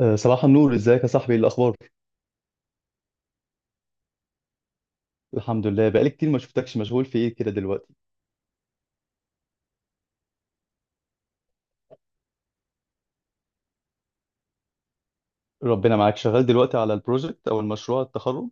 صباح النور، ازيك يا صاحبي، ايه الاخبار؟ الحمد لله، بقالي كتير ما شفتكش. مشغول في ايه كده دلوقتي؟ ربنا معاك. شغال دلوقتي على البروجكت او المشروع التخرج؟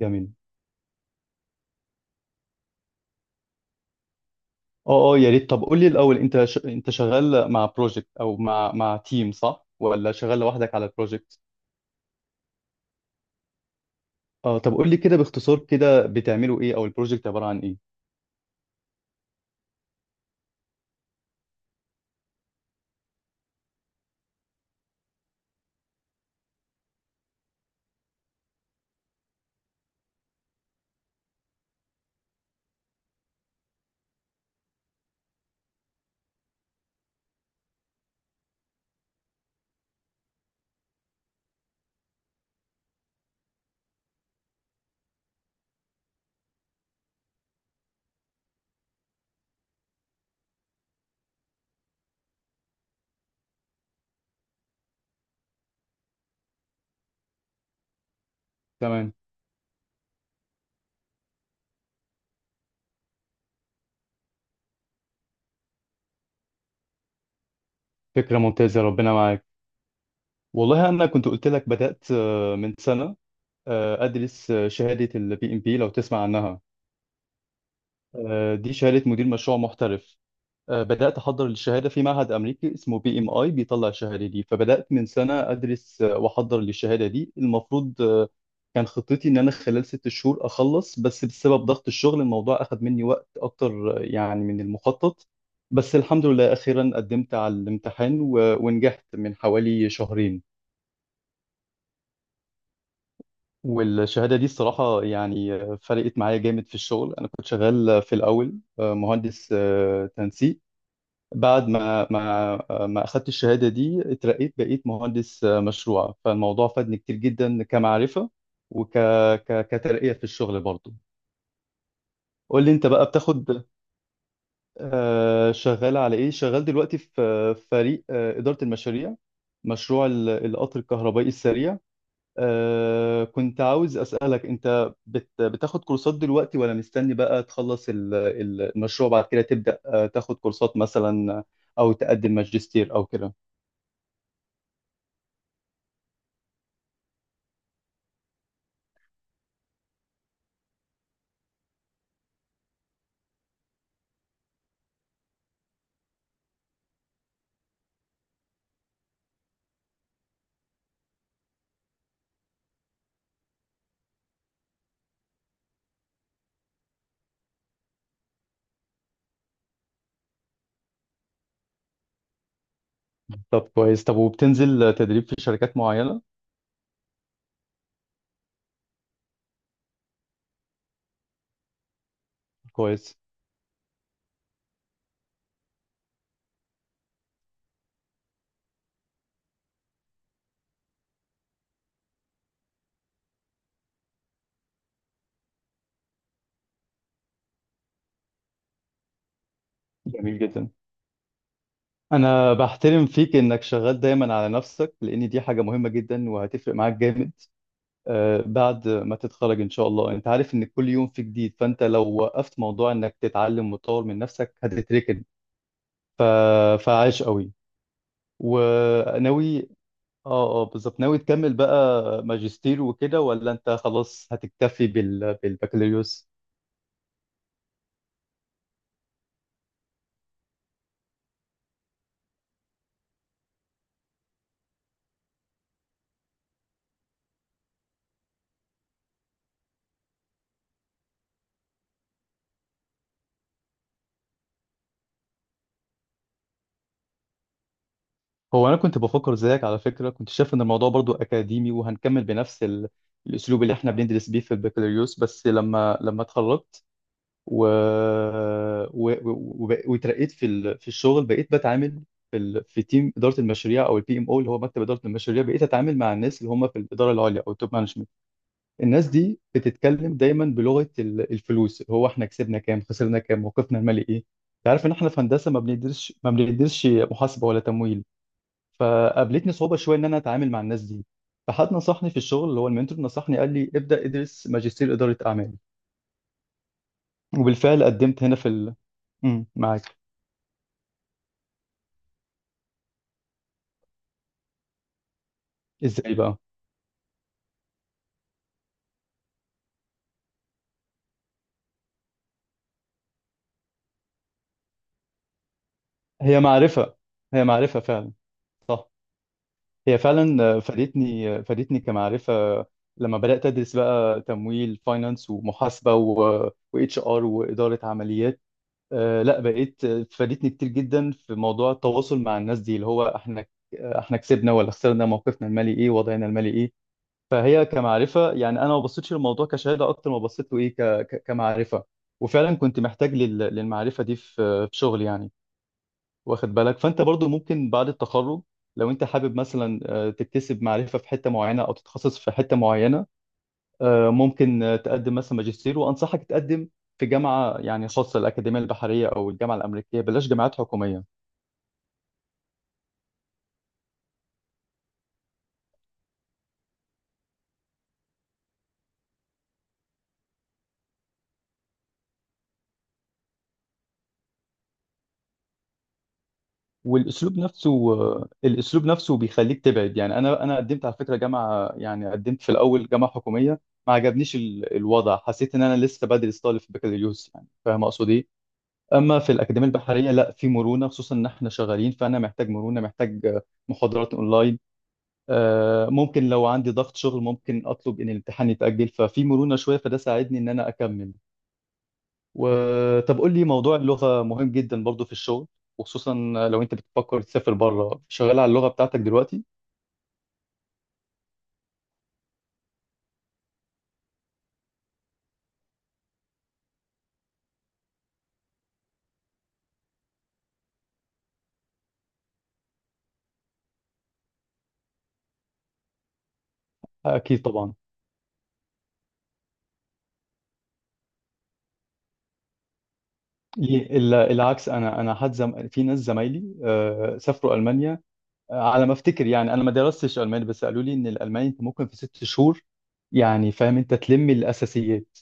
جميل. اه اه، يا ريت. طب قول لي الاول، انت شغال مع بروجكت او مع تيم، صح ولا شغال لوحدك على البروجكت؟ اه، طب قول لي كده باختصار، كده بتعملوا ايه او البروجكت عبارة عن ايه؟ تمام. فكرة ممتازة، ربنا معاك. والله انا كنت قلت لك، بدأت من سنة ادرس شهادة البي ام بي لو تسمع عنها. دي شهادة مدير مشروع محترف. بدأت أحضر للشهادة في معهد أمريكي اسمه بي إم آي بيطلع الشهادة دي، فبدأت من سنة أدرس وأحضر للشهادة دي. المفروض كان خطتي إن أنا خلال 6 شهور أخلص، بس بسبب ضغط الشغل الموضوع أخذ مني وقت أكتر يعني من المخطط. بس الحمد لله، أخيرا قدمت على الامتحان ونجحت من حوالي شهرين. والشهادة دي الصراحة يعني فرقت معايا جامد في الشغل. أنا كنت شغال في الأول مهندس تنسيق. بعد ما اخدت الشهاده دي اترقيت، بقيت مهندس مشروع، فالموضوع فادني كتير جدا كمعرفه وك كترقيه في الشغل برضو. قول لي انت بقى بتاخد. شغال على ايه، شغال دلوقتي في فريق اداره المشاريع، مشروع القطر الكهربائي السريع. كنت عاوز اسالك، انت بتاخد كورسات دلوقتي ولا مستني بقى تخلص المشروع، بعد كده تبدا تاخد كورسات مثلا، او تقدم ماجستير او كده. طب كويس. طب وبتنزل تدريب في شركات معينة؟ كويس. جميل جدا. انا بحترم فيك انك شغال دايما على نفسك، لان دي حاجة مهمة جدا وهتفرق معاك جامد. بعد ما تتخرج ان شاء الله، انت عارف ان كل يوم في جديد، فانت لو وقفت موضوع انك تتعلم وتطور من نفسك هتتركن. ف... فعاش قوي. وناوي. اه اه، بالظبط. ناوي تكمل بقى ماجستير وكده ولا انت خلاص هتكتفي بالبكالوريوس؟ هو انا كنت بفكر زيك على فكره، كنت شايف ان الموضوع برضو اكاديمي وهنكمل بنفس الاسلوب اللي احنا بندرس بيه في البكالوريوس، بس لما اتخرجت و... وترقيت في في الشغل، بقيت بتعامل في في تيم اداره المشاريع او البي ام او اللي هو مكتب اداره المشاريع. بقيت اتعامل مع الناس اللي هم في الاداره العليا او التوب مانجمنت. الناس دي بتتكلم دايما بلغه الفلوس، اللي هو احنا كسبنا كام، خسرنا كام، موقفنا المالي ايه. انت عارف ان احنا في هندسه ما بندرسش محاسبه ولا تمويل. فقابلتني صعوبه شويه ان انا اتعامل مع الناس دي. فحد نصحني في الشغل، اللي هو المنتور، نصحني قال لي ابدا ادرس ماجستير اداره اعمال. وبالفعل قدمت هنا. معاك. ازاي بقى؟ هي معرفه. هي معرفه فعلا. صح. هي فعلا فادتني كمعرفه. لما بدات ادرس بقى تمويل، فاينانس ومحاسبه واتش ار واداره عمليات. لا، بقيت فادتني كتير جدا في موضوع التواصل مع الناس دي، اللي هو احنا كسبنا ولا خسرنا، موقفنا المالي ايه، وضعنا المالي ايه. فهي كمعرفه، يعني انا ما بصيتش للموضوع كشهاده اكتر ما بصيت له ايه كمعرفه. وفعلا كنت محتاج للمعرفه دي في شغل يعني. واخد بالك، فانت برضو ممكن بعد التخرج لو انت حابب مثلا تكتسب معرفه في حته معينه او تتخصص في حته معينه. ممكن تقدم مثلا ماجستير، وانصحك تقدم في جامعه يعني خاصه، الاكاديميه البحريه او الجامعه الامريكيه، بلاش جامعات حكوميه. والاسلوب نفسه، الاسلوب نفسه بيخليك تبعد. يعني انا قدمت على فكره جامعه، يعني قدمت في الاول جامعه حكوميه، ما عجبنيش الوضع. حسيت ان انا لسه بدرس طالب في بكالوريوس، يعني فاهم اقصد ايه. اما في الاكاديميه البحريه لا، في مرونه، خصوصا ان احنا شغالين فانا محتاج مرونه، محتاج محاضرات اونلاين. ممكن لو عندي ضغط شغل ممكن اطلب ان الامتحان يتاجل، ففي مرونه شويه، فده ساعدني ان انا اكمل. وطب قول لي، موضوع اللغة مهم جدا برضو في الشغل، وخصوصا لو انت بتفكر تسافر بره. شغال على اللغة بتاعتك دلوقتي؟ اكيد طبعا. ليه العكس؟ انا في ناس زمايلي سافروا المانيا. على ما افتكر، يعني انا ما درستش الماني، بس قالوا لي ان الالماني انت ممكن في 6 شهور، يعني فاهم، انت تلم الاساسيات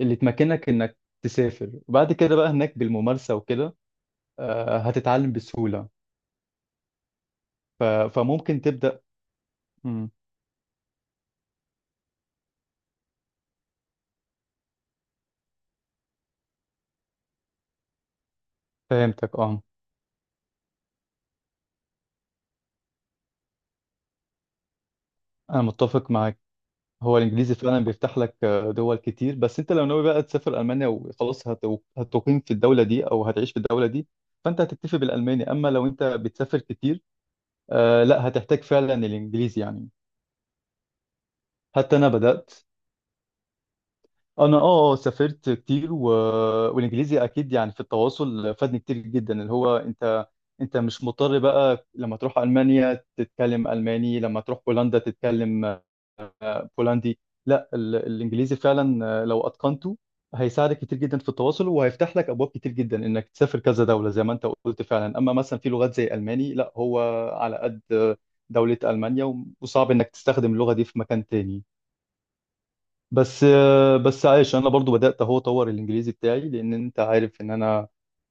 اللي تمكنك انك تسافر، وبعد كده بقى هناك بالممارسة وكده هتتعلم بسهولة. فممكن تبدأ. مم، فهمتك، اه. انا متفق معاك. هو الانجليزي فعلا بيفتح لك دول كتير، بس انت لو ناوي بقى تسافر المانيا وخلاص هتقيم في الدوله دي او هتعيش في الدوله دي، فانت هتكتفي بالالماني. اما لو انت بتسافر كتير لا، هتحتاج فعلا الانجليزي يعني. حتى انا سافرت كتير والانجليزي اكيد، يعني في التواصل فادني كتير جدا، اللي هو انت مش مضطر بقى لما تروح المانيا تتكلم الماني، لما تروح بولندا تتكلم بولندي. لا، الانجليزي فعلا لو اتقنته هيساعدك كتير جدا في التواصل، وهيفتح لك ابواب كتير جدا انك تسافر كذا دوله زي ما انت قلت فعلا. اما مثلا في لغات زي الماني، لا هو، على قد دوله المانيا وصعب انك تستخدم اللغه دي في مكان تاني. بس عايش، انا برضو بدات اهو اطور الانجليزي بتاعي، لان انت عارف ان انا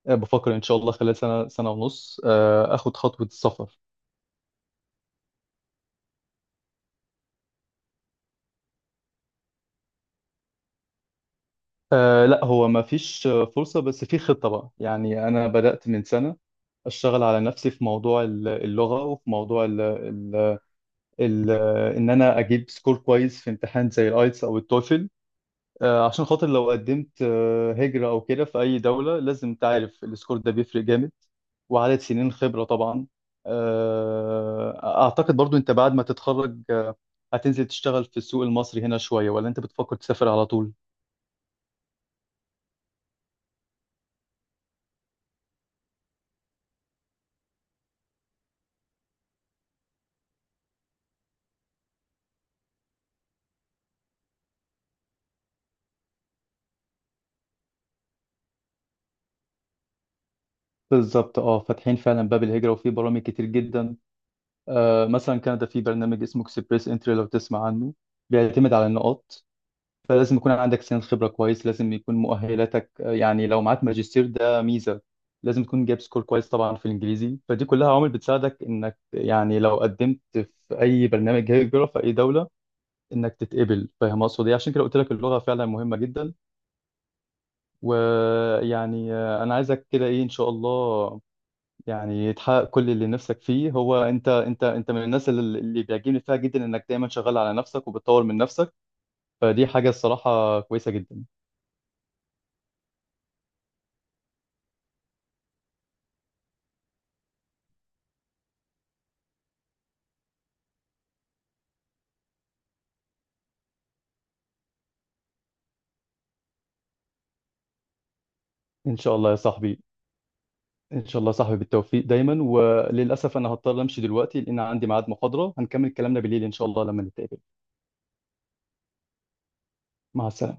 بفكر ان شاء الله خلال سنه، سنه ونص اخد خطوه السفر. لا، هو ما فيش فرصة، بس في خطة بقى. يعني أنا بدأت من سنة أشتغل على نفسي في موضوع اللغة، وفي موضوع ال ال ال إن أنا أجيب سكور كويس في امتحان زي الآيتس أو التوفل. عشان خاطر لو قدمت هجرة أو كده في أي دولة لازم تعرف، السكور ده بيفرق جامد. وعدد سنين خبرة طبعا. أعتقد برضو أنت بعد ما تتخرج هتنزل تشتغل في السوق المصري هنا شوية ولا أنت بتفكر تسافر على طول؟ بالظبط اه، فاتحين فعلا باب الهجرة وفي برامج كتير جدا. مثلا كندا في برنامج اسمه اكسبريس انتري لو تسمع عنه، بيعتمد على النقاط. فلازم يكون عندك سن خبرة كويس، لازم يكون مؤهلاتك يعني لو معاك ماجستير ده ميزة، لازم تكون جايب سكور كويس طبعا في الانجليزي. فدي كلها عوامل بتساعدك انك يعني لو قدمت في اي برنامج هجرة في اي دولة انك تتقبل، فاهم اقصد ايه؟ عشان كده قلت لك اللغة فعلا مهمة جدا. ويعني انا عايزك كده ايه ان شاء الله، يعني تحقق كل اللي نفسك فيه. هو انت من الناس اللي بيعجبني فيها جدا انك دايما شغال على نفسك وبتطور من نفسك، فدي حاجة الصراحة كويسة جدا. ان شاء الله يا صاحبي، ان شاء الله يا صاحبي، بالتوفيق دايما. وللأسف انا هضطر امشي دلوقتي، لان عندي ميعاد محاضرة، هنكمل كلامنا بالليل ان شاء الله لما نتقابل. مع السلامة.